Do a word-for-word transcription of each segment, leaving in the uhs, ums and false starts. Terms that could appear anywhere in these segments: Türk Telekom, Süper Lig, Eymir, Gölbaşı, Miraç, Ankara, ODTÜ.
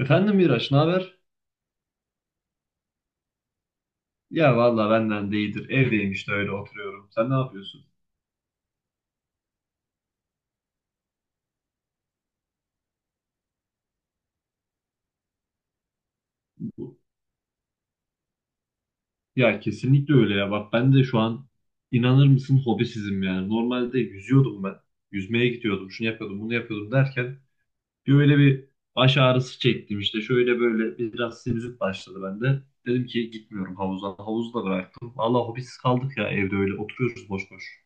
Efendim Miraç, ne haber? Ya valla benden de iyidir. Evdeyim işte öyle oturuyorum. Sen ne yapıyorsun? Bu- Ya kesinlikle öyle ya. Bak ben de şu an inanır mısın hobisizim yani. Normalde yüzüyordum ben. Yüzmeye gidiyordum. Şunu yapıyordum, bunu yapıyordum derken bir öyle bir baş ağrısı çektim işte. Şöyle böyle biraz sinüzit başladı bende. Dedim ki gitmiyorum havuza. Havuzu da bıraktım. Valla hobisiz kaldık ya, evde öyle oturuyoruz boş boş.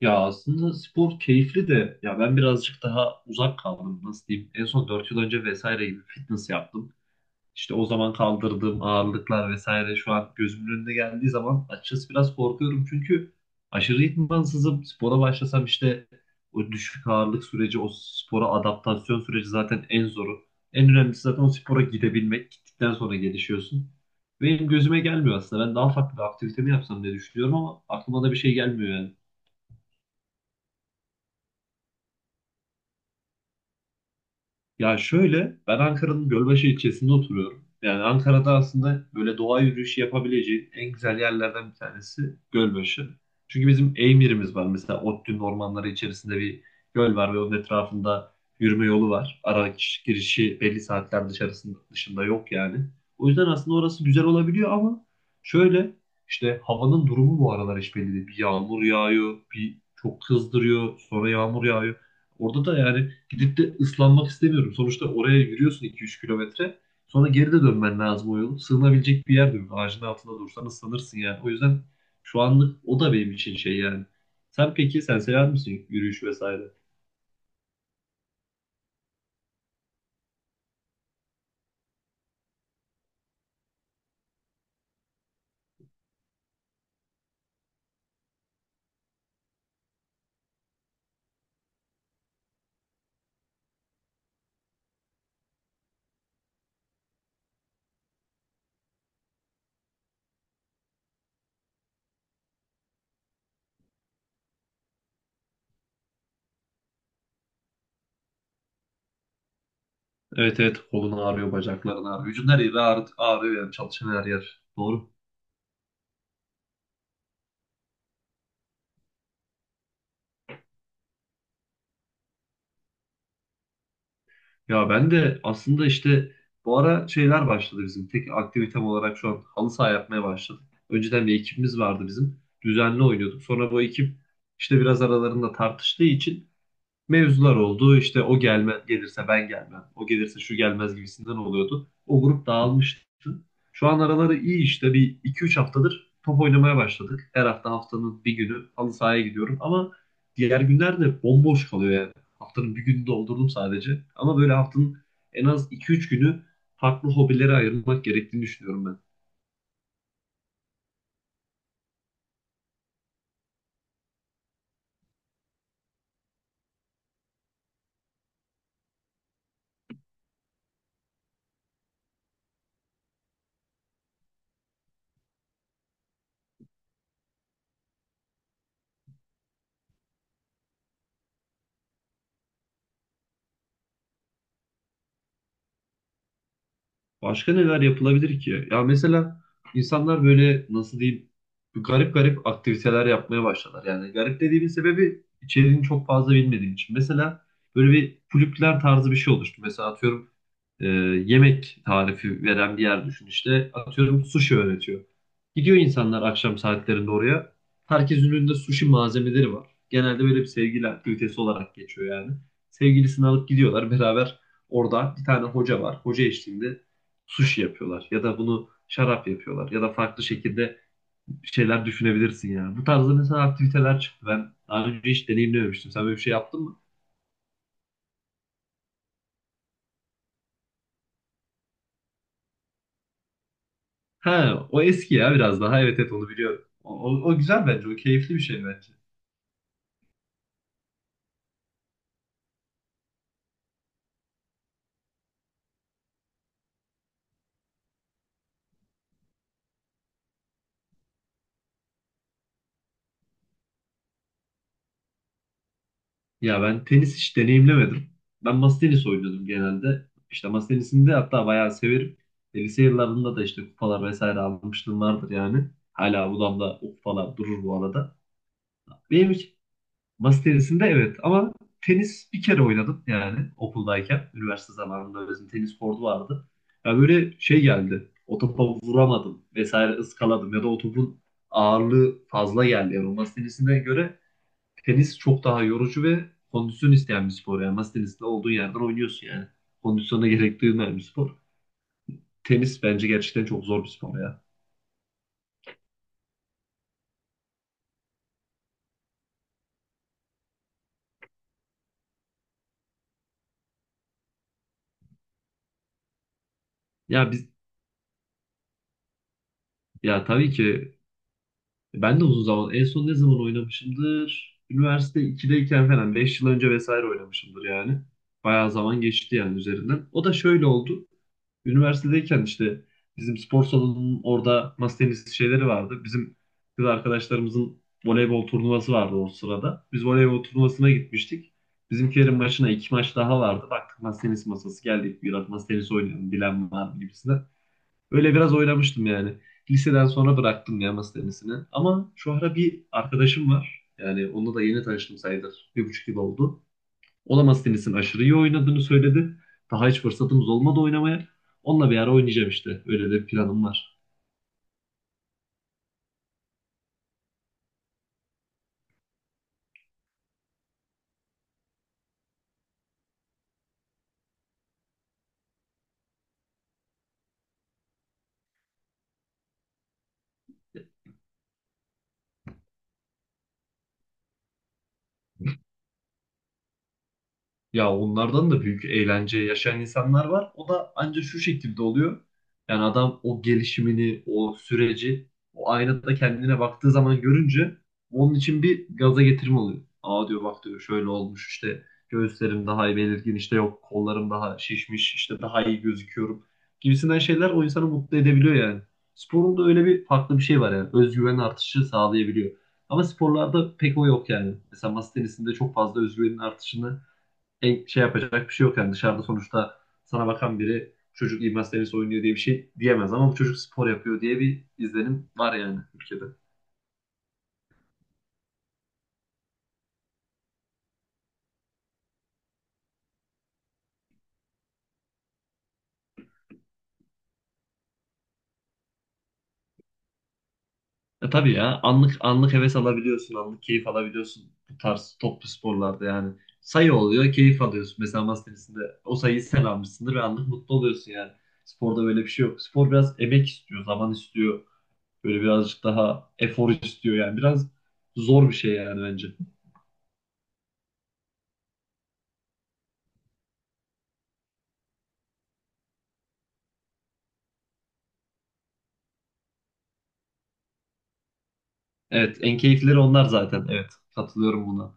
Ya aslında spor keyifli de ya ben birazcık daha uzak kaldım, nasıl diyeyim. En son dört yıl önce vesaire gibi fitness yaptım. İşte o zaman kaldırdığım ağırlıklar vesaire şu an gözümün önüne geldiği zaman açıkçası biraz korkuyorum. Çünkü aşırı idmansızım. Spora başlasam işte o düşük ağırlık süreci, o spora adaptasyon süreci zaten en zoru. En önemlisi zaten o spora gidebilmek. Gittikten sonra gelişiyorsun. Benim gözüme gelmiyor aslında. Ben daha farklı bir aktivite mi yapsam diye düşünüyorum ama aklıma da bir şey gelmiyor yani. Ya şöyle, ben Ankara'nın Gölbaşı ilçesinde oturuyorum. Yani Ankara'da aslında böyle doğa yürüyüşü yapabileceğin en güzel yerlerden bir tanesi Gölbaşı. Çünkü bizim Eymir'imiz var. Mesela ODTÜ'nün ormanları içerisinde bir göl var ve onun etrafında yürüme yolu var. Ara girişi belli saatler dışarısında, dışında yok yani. O yüzden aslında orası güzel olabiliyor ama şöyle, işte havanın durumu bu aralar hiç belli değil. Bir yağmur yağıyor, bir çok kızdırıyor, sonra yağmur yağıyor. Orada da yani gidip de ıslanmak istemiyorum. Sonuçta oraya yürüyorsun iki üç kilometre. Sonra geri de dönmen lazım o yolu. Sığınabilecek bir yer de yok. Ağacın altında dursan ıslanırsın yani. O yüzden şu anlık o da benim için şey yani. Sen peki sen sever misin yürüyüş vesaire? Evet evet, kolun ağrıyor, bacakların ağrıyor. Vücudun her yeri ağrı, ağrıyor yani çalışan her yer. Doğru. Ya ben de aslında işte bu ara şeyler başladı bizim. Tek aktivitem olarak şu an halı saha yapmaya başladık. Önceden bir ekibimiz vardı bizim. Düzenli oynuyorduk. Sonra bu ekip işte biraz aralarında tartıştığı için mevzular oldu. İşte o gelme, gelirse ben gelmem. O gelirse şu gelmez gibisinden oluyordu. O grup dağılmıştı. Şu an araları iyi işte. Bir iki üç haftadır top oynamaya başladık. Her hafta haftanın bir günü halı sahaya gidiyorum ama diğer günler de bomboş kalıyor yani. Haftanın bir gününü doldurdum sadece. Ama böyle haftanın en az iki üç günü farklı hobilere ayırmak gerektiğini düşünüyorum ben. Başka neler yapılabilir ki? Ya mesela insanlar böyle, nasıl diyeyim, garip garip aktiviteler yapmaya başladılar. Yani garip dediğimin sebebi içeriğini çok fazla bilmediğim için. Mesela böyle bir kulüpler tarzı bir şey oluştu. Mesela atıyorum, e, yemek tarifi veren bir yer düşün işte. Atıyorum sushi öğretiyor. Gidiyor insanlar akşam saatlerinde oraya. Herkesin önünde sushi malzemeleri var. Genelde böyle bir sevgili aktivitesi olarak geçiyor yani. Sevgilisini alıp gidiyorlar beraber orada bir tane hoca var. Hoca eşliğinde sushi yapıyorlar ya da bunu şarap yapıyorlar ya da farklı şekilde şeyler düşünebilirsin yani. Bu tarzda mesela aktiviteler çıktı. Ben daha önce hiç deneyimlememiştim. Sen böyle bir şey yaptın mı? Ha, o eski ya biraz daha. Evet evet, onu biliyorum. O, o, o güzel bence. O keyifli bir şey bence. Ya ben tenis hiç deneyimlemedim. Ben masa tenisi oynuyordum genelde. İşte masa tenisini de hatta bayağı severim. E, Lise yıllarında da işte kupalar vesaire almışlığım vardır yani. Hala odamda o kupalar durur bu arada. Benim masa tenisinde evet ama tenis bir kere oynadım yani okuldayken. Üniversite zamanında bizim tenis kortu vardı. Ya böyle şey geldi. O topa vuramadım vesaire, ıskaladım ya da o topun ağırlığı fazla geldi. Yani o masa tenisine göre tenis çok daha yorucu ve kondisyon isteyen bir spor. Yani masa tenisinde olduğun yerden oynuyorsun yani. Kondisyona gerek duymayan bir spor. Tenis bence gerçekten çok zor bir spor ya. Ya biz, ya tabii ki. Ben de uzun zaman. En son ne zaman oynamışımdır? Üniversite ikideyken falan. Beş yıl önce vesaire oynamışımdır yani. Bayağı zaman geçti yani üzerinden. O da şöyle oldu. Üniversitedeyken işte bizim spor salonunun orada masa tenisi şeyleri vardı. Bizim kız arkadaşlarımızın voleybol turnuvası vardı o sırada. Biz voleybol turnuvasına gitmiştik. Bizimkilerin başına iki maç daha vardı. Baktık masa tenisi masası, geldik. Biraz masa tenisi oynayalım, bilen var mı gibisinden. Öyle biraz oynamıştım yani. Liseden sonra bıraktım ya masa tenisini. Ama şu ara bir arkadaşım var. Yani onunla da yeni tanıştım sayılır. Bir buçuk yıl oldu. O da masa tenisini aşırı iyi oynadığını söyledi. Daha hiç fırsatımız olmadı oynamaya. Onunla bir ara oynayacağım işte. Öyle de planım var. Ya onlardan da büyük eğlence yaşayan insanlar var. O da ancak şu şekilde oluyor. Yani adam o gelişimini, o süreci, o aynada kendine baktığı zaman görünce onun için bir gaza getirme oluyor. Aa diyor, bak diyor, şöyle olmuş işte, göğüslerim daha iyi belirgin işte, yok kollarım daha şişmiş işte, daha iyi gözüküyorum gibisinden şeyler o insanı mutlu edebiliyor yani. Sporun da öyle bir farklı bir şey var yani, özgüven artışı sağlayabiliyor. Ama sporlarda pek o yok yani. Mesela masa tenisinde çok fazla özgüvenin artışını e, şey yapacak bir şey yok yani. Dışarıda sonuçta sana bakan biri çocuk idman tenisi oynuyor diye bir şey diyemez ama bu çocuk spor yapıyor diye bir izlenim var yani ülkede. E tabii ya, anlık anlık heves alabiliyorsun, anlık keyif alabiliyorsun bu tarz toplu sporlarda yani. Sayı oluyor, keyif alıyorsun. Mesela masa tenisinde o sayıyı sen almışsındır ve anlık mutlu oluyorsun yani. Sporda böyle bir şey yok. Spor biraz emek istiyor, zaman istiyor. Böyle birazcık daha efor istiyor yani. Biraz zor bir şey yani bence. Evet, en keyifleri onlar zaten. Evet, katılıyorum buna.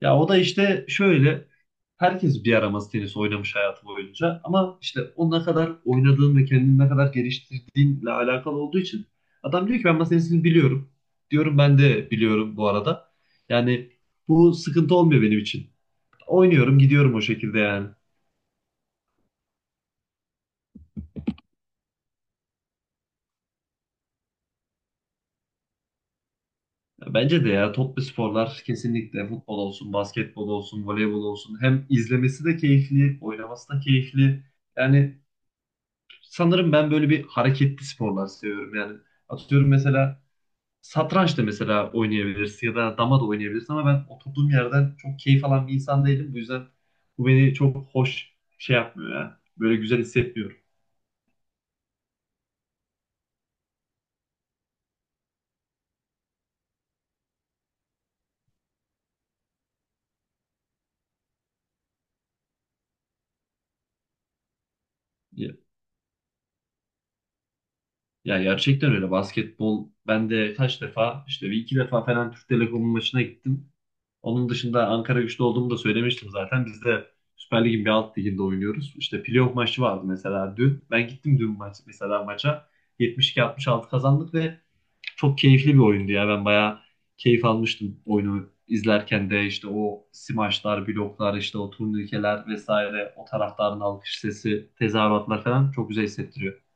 Ya o da işte şöyle, herkes bir ara tenis oynamış hayatı boyunca ama işte o ne kadar oynadığın ve kendini ne kadar geliştirdiğinle alakalı olduğu için adam diyor ki ben masa tenisini biliyorum. Diyorum ben de biliyorum bu arada. Yani bu sıkıntı olmuyor benim için. Oynuyorum, gidiyorum o şekilde yani. Ya bence de ya, toplu sporlar kesinlikle, futbol olsun, basketbol olsun, voleybol olsun, hem izlemesi de keyifli, oynaması da keyifli. Yani sanırım ben böyle bir hareketli sporlar seviyorum. Yani atıyorum mesela satranç da mesela oynayabilirsin ya da dama da oynayabilirsin ama ben oturduğum yerden çok keyif alan bir insan değilim. Bu yüzden bu beni çok hoş şey yapmıyor ya. Böyle güzel hissetmiyorum. Ya, ya gerçekten öyle. Basketbol ben de kaç defa işte, bir iki defa falan Türk Telekom'un maçına gittim. Onun dışında Ankara güçlü olduğumu da söylemiştim zaten. Biz de Süper Lig'in bir alt liginde oynuyoruz. İşte playoff maçı vardı mesela dün. Ben gittim dün maç, mesela maça. yetmiş iki altmış altı kazandık ve çok keyifli bir oyundu ya. Ben bayağı keyif almıştım oyunu izlerken de, işte o smaçlar, bloklar, işte o turnikeler vesaire, o taraftarın alkış sesi, tezahüratlar falan çok güzel hissettiriyor.